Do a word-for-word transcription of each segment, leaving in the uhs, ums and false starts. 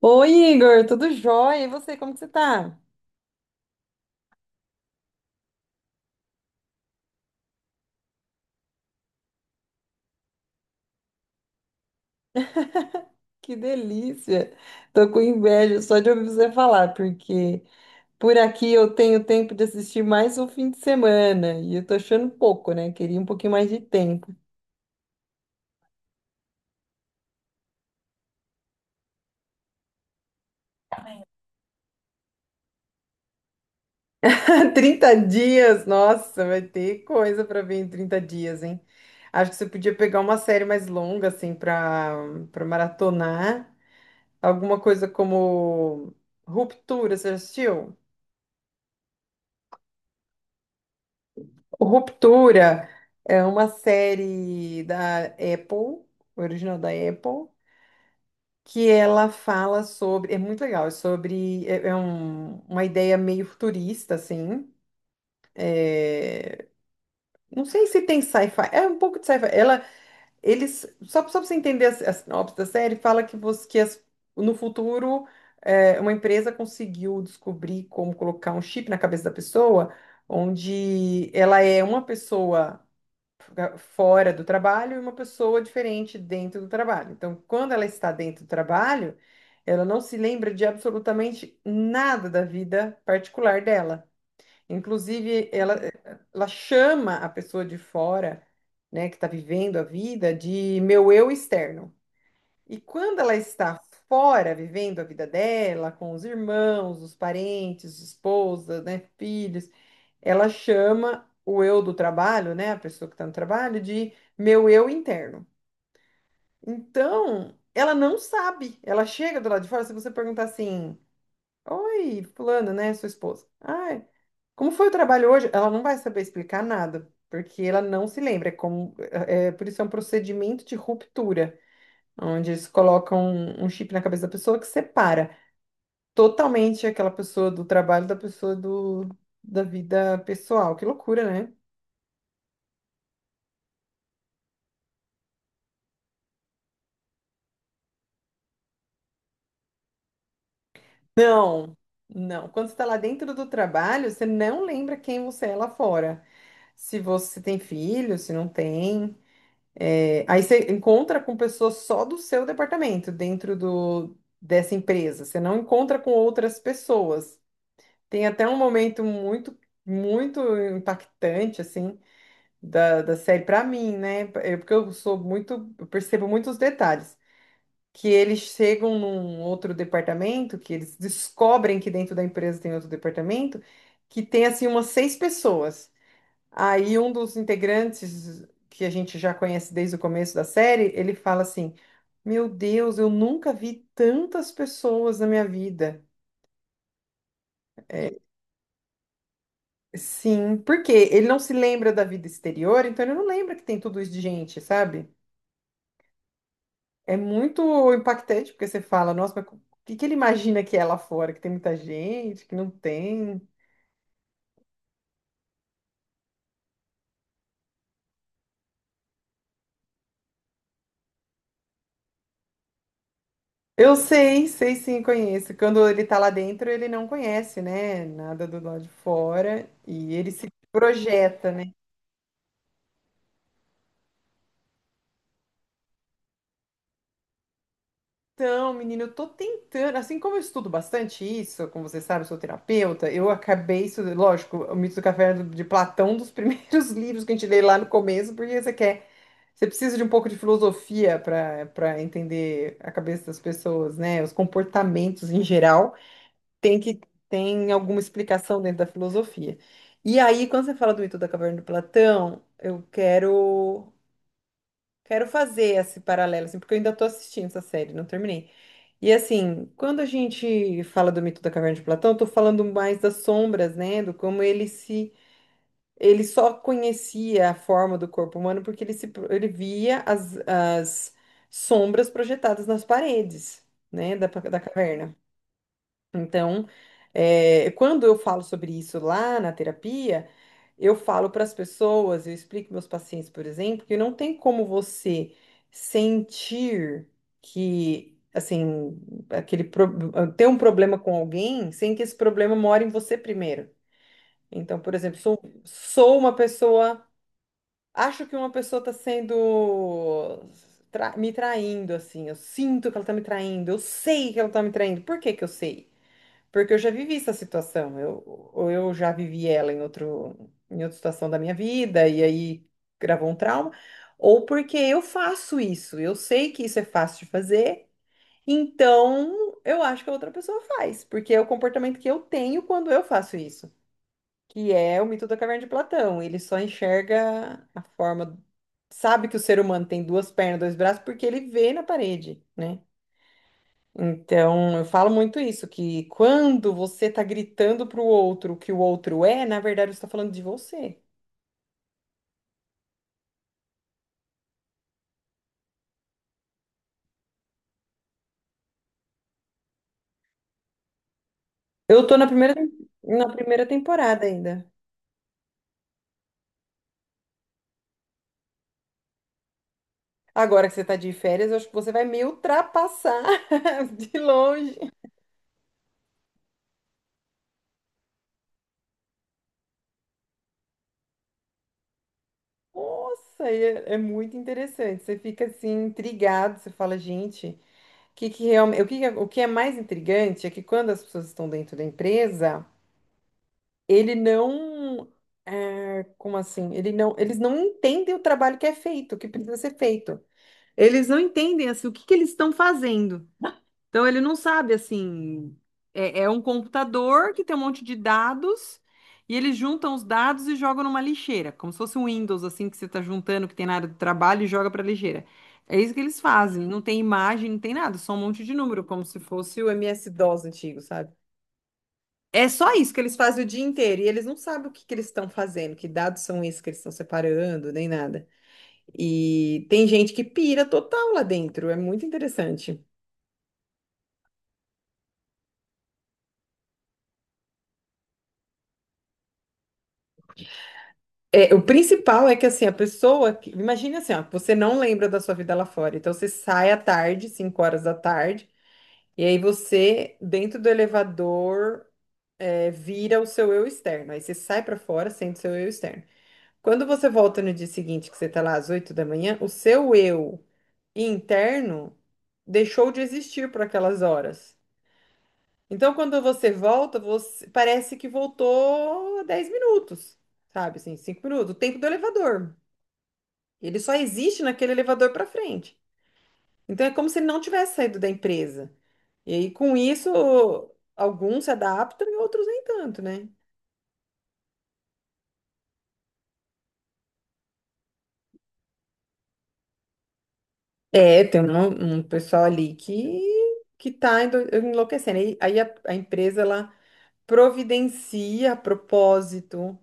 Oi, Igor, tudo jóia? E você, como que você tá? Que delícia! Tô com inveja só de ouvir você falar, porque por aqui eu tenho tempo de assistir mais um fim de semana e eu tô achando pouco, né? Queria um pouquinho mais de tempo. Trinta dias, nossa, vai ter coisa pra ver em trinta dias, hein? Acho que você podia pegar uma série mais longa, assim, pra, pra maratonar. Alguma coisa como Ruptura, você já assistiu? O Ruptura é uma série da Apple, original da Apple, que ela fala sobre. É muito legal, é sobre. É, é um- uma ideia meio futurista, assim. É, não sei se tem sci-fi, é um pouco de sci-fi. Ela, eles, só, só para você entender a, a sinopse da série, fala que, você, que as- no futuro é, uma empresa conseguiu descobrir como colocar um chip na cabeça da pessoa, onde ela é uma pessoa. Pra- fora do trabalho e uma pessoa diferente dentro do trabalho. Então, quando ela está dentro do trabalho, ela não se lembra de absolutamente nada da vida particular dela. Inclusive, ela, ela chama a pessoa de fora, né, que está vivendo a vida, de meu eu externo. E quando ela está fora, vivendo a vida dela, com os irmãos, os parentes, esposa, né, filhos, ela chama o eu do trabalho, né, a pessoa que está no trabalho, de meu eu interno. Então, ela não sabe. Ela chega do lado de fora, se você perguntar assim: oi, fulano, né, sua esposa. Ai, como foi o trabalho hoje? Ela não vai saber explicar nada, porque ela não se lembra. É como, é, é, por isso é um procedimento de ruptura onde eles colocam um, um chip na cabeça da pessoa que separa totalmente aquela pessoa do trabalho da pessoa do, da vida pessoal. Que loucura, né? Não, não. Quando você está lá dentro do trabalho, você não lembra quem você é lá fora. Se você tem filho, se não tem. É, aí você encontra com pessoas só do seu departamento, dentro do, dessa empresa. Você não encontra com outras pessoas. Tem até um momento muito, muito impactante, assim, da, da série pra mim, né? Eu- porque eu sou muito, eu percebo muitos detalhes. Que eles chegam num outro departamento, que eles descobrem que dentro da empresa tem outro departamento, que tem assim umas seis pessoas. Aí um dos integrantes que a gente já conhece desde o começo da série, ele fala assim: Meu Deus, eu nunca vi tantas pessoas na minha vida. É, sim, porque ele não se lembra da vida exterior, então ele não lembra que tem tudo isso de gente, sabe? É muito impactante, porque você fala, nossa, mas o que que ele imagina que é lá fora? Que tem muita gente, que não tem. Eu sei, sei sim, conheço. Quando ele tá lá dentro, ele não conhece, né? Nada do lado de fora. E ele se projeta, né? Então, menino, eu tô tentando. Assim como eu estudo bastante isso, como você sabe, eu sou terapeuta, eu acabei isso, lógico, o Mito do Café de Platão, um dos primeiros livros que a gente lê lá no começo, porque você quer. Você precisa de um pouco de filosofia para para entender a cabeça das pessoas, né? Os comportamentos em geral tem que tem alguma explicação dentro da filosofia. E aí, quando você fala do mito da caverna do Platão, eu quero quero fazer esse paralelo, assim, porque eu ainda estou assistindo essa série, não terminei. E assim, quando a gente fala do mito da caverna de Platão, eu tô falando mais das sombras, né? Do como ele se ele só conhecia a forma do corpo humano porque ele, se, pro- ele via as, as, sombras projetadas nas paredes, né, da, da caverna. Então, é, quando eu falo sobre isso lá na terapia, eu falo para as pessoas, eu explico meus pacientes, por exemplo, que não tem como você sentir que, assim, aquele pro- ter um problema com alguém sem que esse problema more em você primeiro. Então, por exemplo, sou, sou uma pessoa, acho que uma pessoa está sendo tra- me traindo, assim. Eu sinto que ela está me traindo. Eu sei que ela está me traindo. Por que que eu sei? Porque eu já vivi essa situação. Eu, ou eu já vivi ela em outro, em outra situação da minha vida e aí gravou um trauma. Ou porque eu faço isso. Eu sei que isso é fácil de fazer. Então, eu acho que a outra pessoa faz, porque é o comportamento que eu tenho quando eu faço isso, que é o mito da caverna de Platão. Ele só enxerga a forma, sabe que o ser humano tem duas pernas, dois braços, porque ele vê na parede, né? Então, eu falo muito isso, que quando você tá gritando pro outro o que o outro é, na verdade você tá falando de você. Eu tô na primeira, na primeira temporada ainda. Agora que você tá de férias, eu acho que você vai me ultrapassar de longe. Nossa, e é, é muito interessante. Você fica assim, intrigado, você fala, gente. Que, que realmente, o que, que é- o que é mais intrigante é que quando as pessoas estão dentro da empresa, ele não, é, como assim? Ele não, eles não entendem o trabalho que é feito, o que precisa ser feito. Eles não entendem assim, o que, que eles estão fazendo. Então ele não sabe assim. É, é um computador que tem um monte de dados e eles juntam os dados e jogam numa lixeira, como se fosse um Windows assim que você está juntando que tem na área do trabalho e joga para lixeira. É isso que eles fazem. Não tem imagem, não tem nada, só um monte de número, como se fosse o M S-DOS antigo, sabe? É só isso que eles fazem o dia inteiro e eles não sabem o que que eles estão fazendo, que dados são esses que eles estão separando, nem nada. E tem gente que pira total lá dentro, é muito interessante. É, o principal é que assim, a pessoa, que- imagine assim, ó, você não lembra da sua vida lá fora. Então você sai à tarde, cinco horas da tarde, e aí você, dentro do elevador, é, vira o seu eu externo. Aí você sai pra fora sendo seu eu externo. Quando você volta no dia seguinte, que você tá lá às oito da manhã, o seu eu interno deixou de existir por aquelas horas. Então, quando você volta, você parece que voltou dez minutos, sabe? Assim, cinco minutos, o tempo do elevador. Ele só existe naquele elevador para frente. Então é como se ele não tivesse saído da empresa. E aí, com isso, alguns se adaptam e outros nem tanto, né? É, tem um, um pessoal ali que, que, tá endo- enlouquecendo. Aí, aí a, a empresa ela providencia propósito,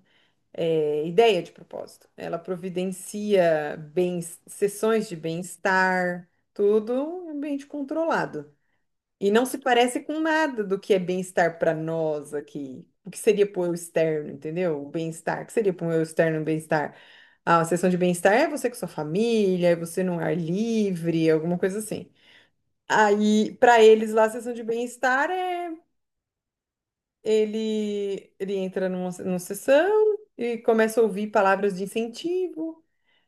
é, ideia de propósito. Ela providencia bens, sessões de bem-estar, tudo em ambiente controlado. E não se parece com nada do que é bem-estar para nós aqui. O que seria pro eu externo, entendeu? O bem-estar. O que seria pro eu externo, o bem-estar? Ah, a sessão de bem-estar é você com sua família, é você num ar livre, alguma coisa assim. Aí, para eles lá, a sessão de bem-estar é ele, ele entra numa, numa sessão e começa a ouvir palavras de incentivo.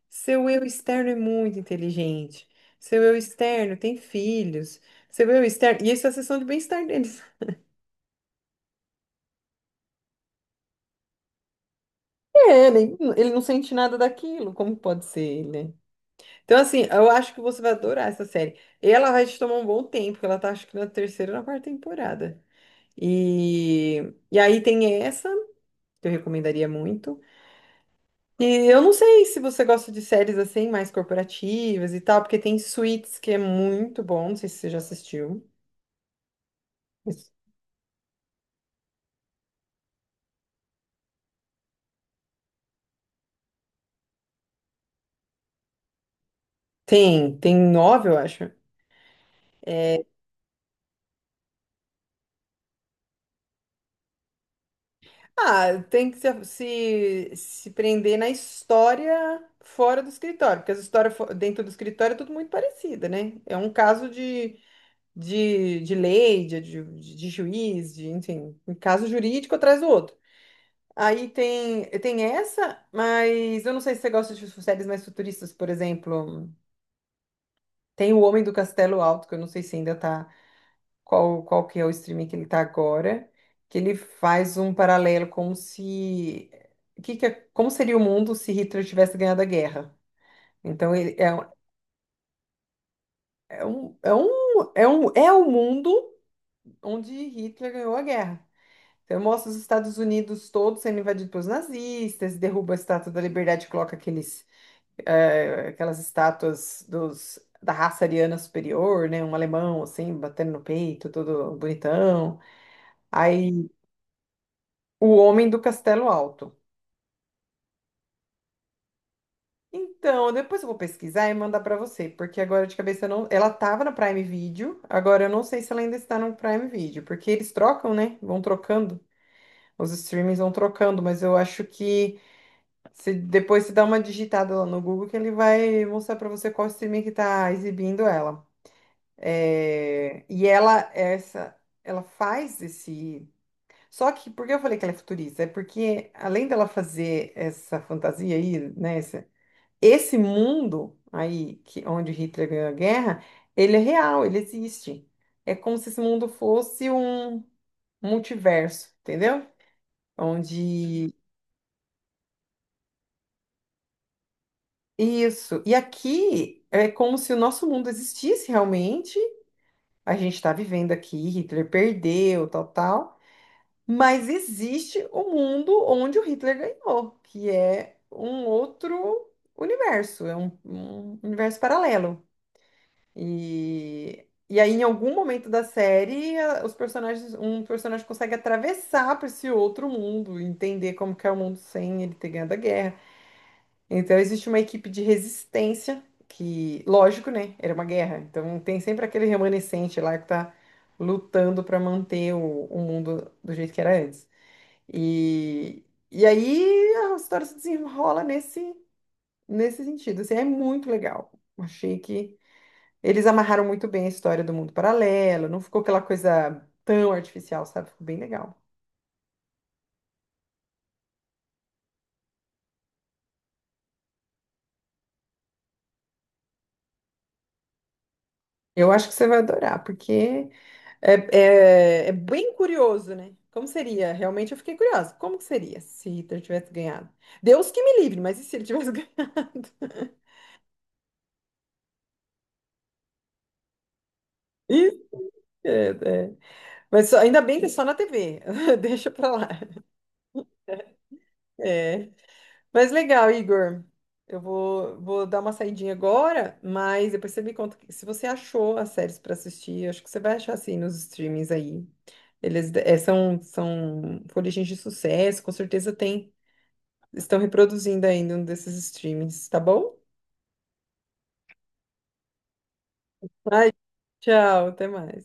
Seu eu externo é muito inteligente. Seu eu externo tem filhos. Seu eu externo. E isso é a sessão de bem-estar deles. É, ele, ele não sente nada daquilo, como pode ser ele? Né? Então, assim, eu acho que você vai adorar essa série. Ela vai te tomar um bom tempo, porque ela tá acho que na terceira ou na quarta temporada. E, e aí tem essa, que eu recomendaria muito. E eu não sei se você gosta de séries assim, mais corporativas e tal, porque tem Suits, que é muito bom, não sei se você já assistiu. Tem, tem nove, eu acho. Ah, tem que se, se, se prender na história fora do escritório, porque as histórias fo- dentro do escritório é tudo muito parecida, né? É um caso de, de, de lei, de, de, de juiz, de, enfim, um caso jurídico atrás do outro. Aí tem, tem essa, mas eu não sei se você gosta de séries mais futuristas, por exemplo. Tem O Homem do Castelo Alto, que eu não sei se ainda tá qual, qual que é o streaming que ele tá agora, que ele faz um paralelo como se que que é- como seria o mundo se Hitler tivesse ganhado a guerra. Então ele é, um- é um é um é um é o mundo onde Hitler ganhou a guerra. Então mostra os Estados Unidos todos sendo invadidos pelos nazistas, derruba a Estátua da Liberdade, coloca aqueles eh, aquelas estátuas dos da raça ariana superior, né, um alemão assim batendo no peito, todo bonitão. Aí O Homem do Castelo Alto. Então, depois eu vou pesquisar e mandar pra você, porque agora de cabeça eu não. Ela tava no Prime Video, agora eu não sei se ela ainda está no Prime Video, porque eles trocam, né? Vão trocando. Os streamings vão trocando, mas eu acho que se depois você dá uma digitada lá no Google que ele vai mostrar pra você qual streaming que tá exibindo ela. É, E ela essa ela faz esse só que, por que eu falei que ela é futurista? É porque, além dela fazer essa fantasia aí, né? Esse mundo aí que onde Hitler ganhou a guerra, ele é real, ele existe. É como se esse mundo fosse um multiverso, entendeu? Onde isso. E aqui é como se o nosso mundo existisse realmente. A gente está vivendo aqui, Hitler perdeu, tal, tal. Mas existe o mundo onde o Hitler ganhou, que é um outro universo, é um um universo paralelo. E, e aí, em algum momento da série, a- os personagens, um personagem consegue atravessar para esse outro mundo, entender como que é o mundo sem ele ter ganhado a guerra. Então, existe uma equipe de resistência que, lógico, né, era uma guerra. Então, tem sempre aquele remanescente lá que tá lutando para manter o, o mundo do jeito que era antes. E, e aí, a história se desenrola nesse, nesse sentido. Assim, é muito legal. Achei que eles amarraram muito bem a história do mundo paralelo, não ficou aquela coisa tão artificial, sabe? Ficou bem legal. Eu acho que você vai adorar, porque é, é, é bem curioso, né? Como seria? Realmente eu fiquei curiosa. Como que seria se Hitler tivesse ganhado? Deus que me livre, mas e se ele tivesse ganhado? Ih, é, é. Mas só- ainda bem que é só na T V. Deixa pra lá. É. Mas legal, Igor. Eu vou, vou dar uma saidinha agora, mas depois você me conta que- se você achou as séries para assistir. Acho que você vai achar assim nos streamings aí. Eles eh, são, são origens de sucesso, com certeza tem. Estão reproduzindo ainda um desses streamings, tá bom? Ai, tchau, até mais.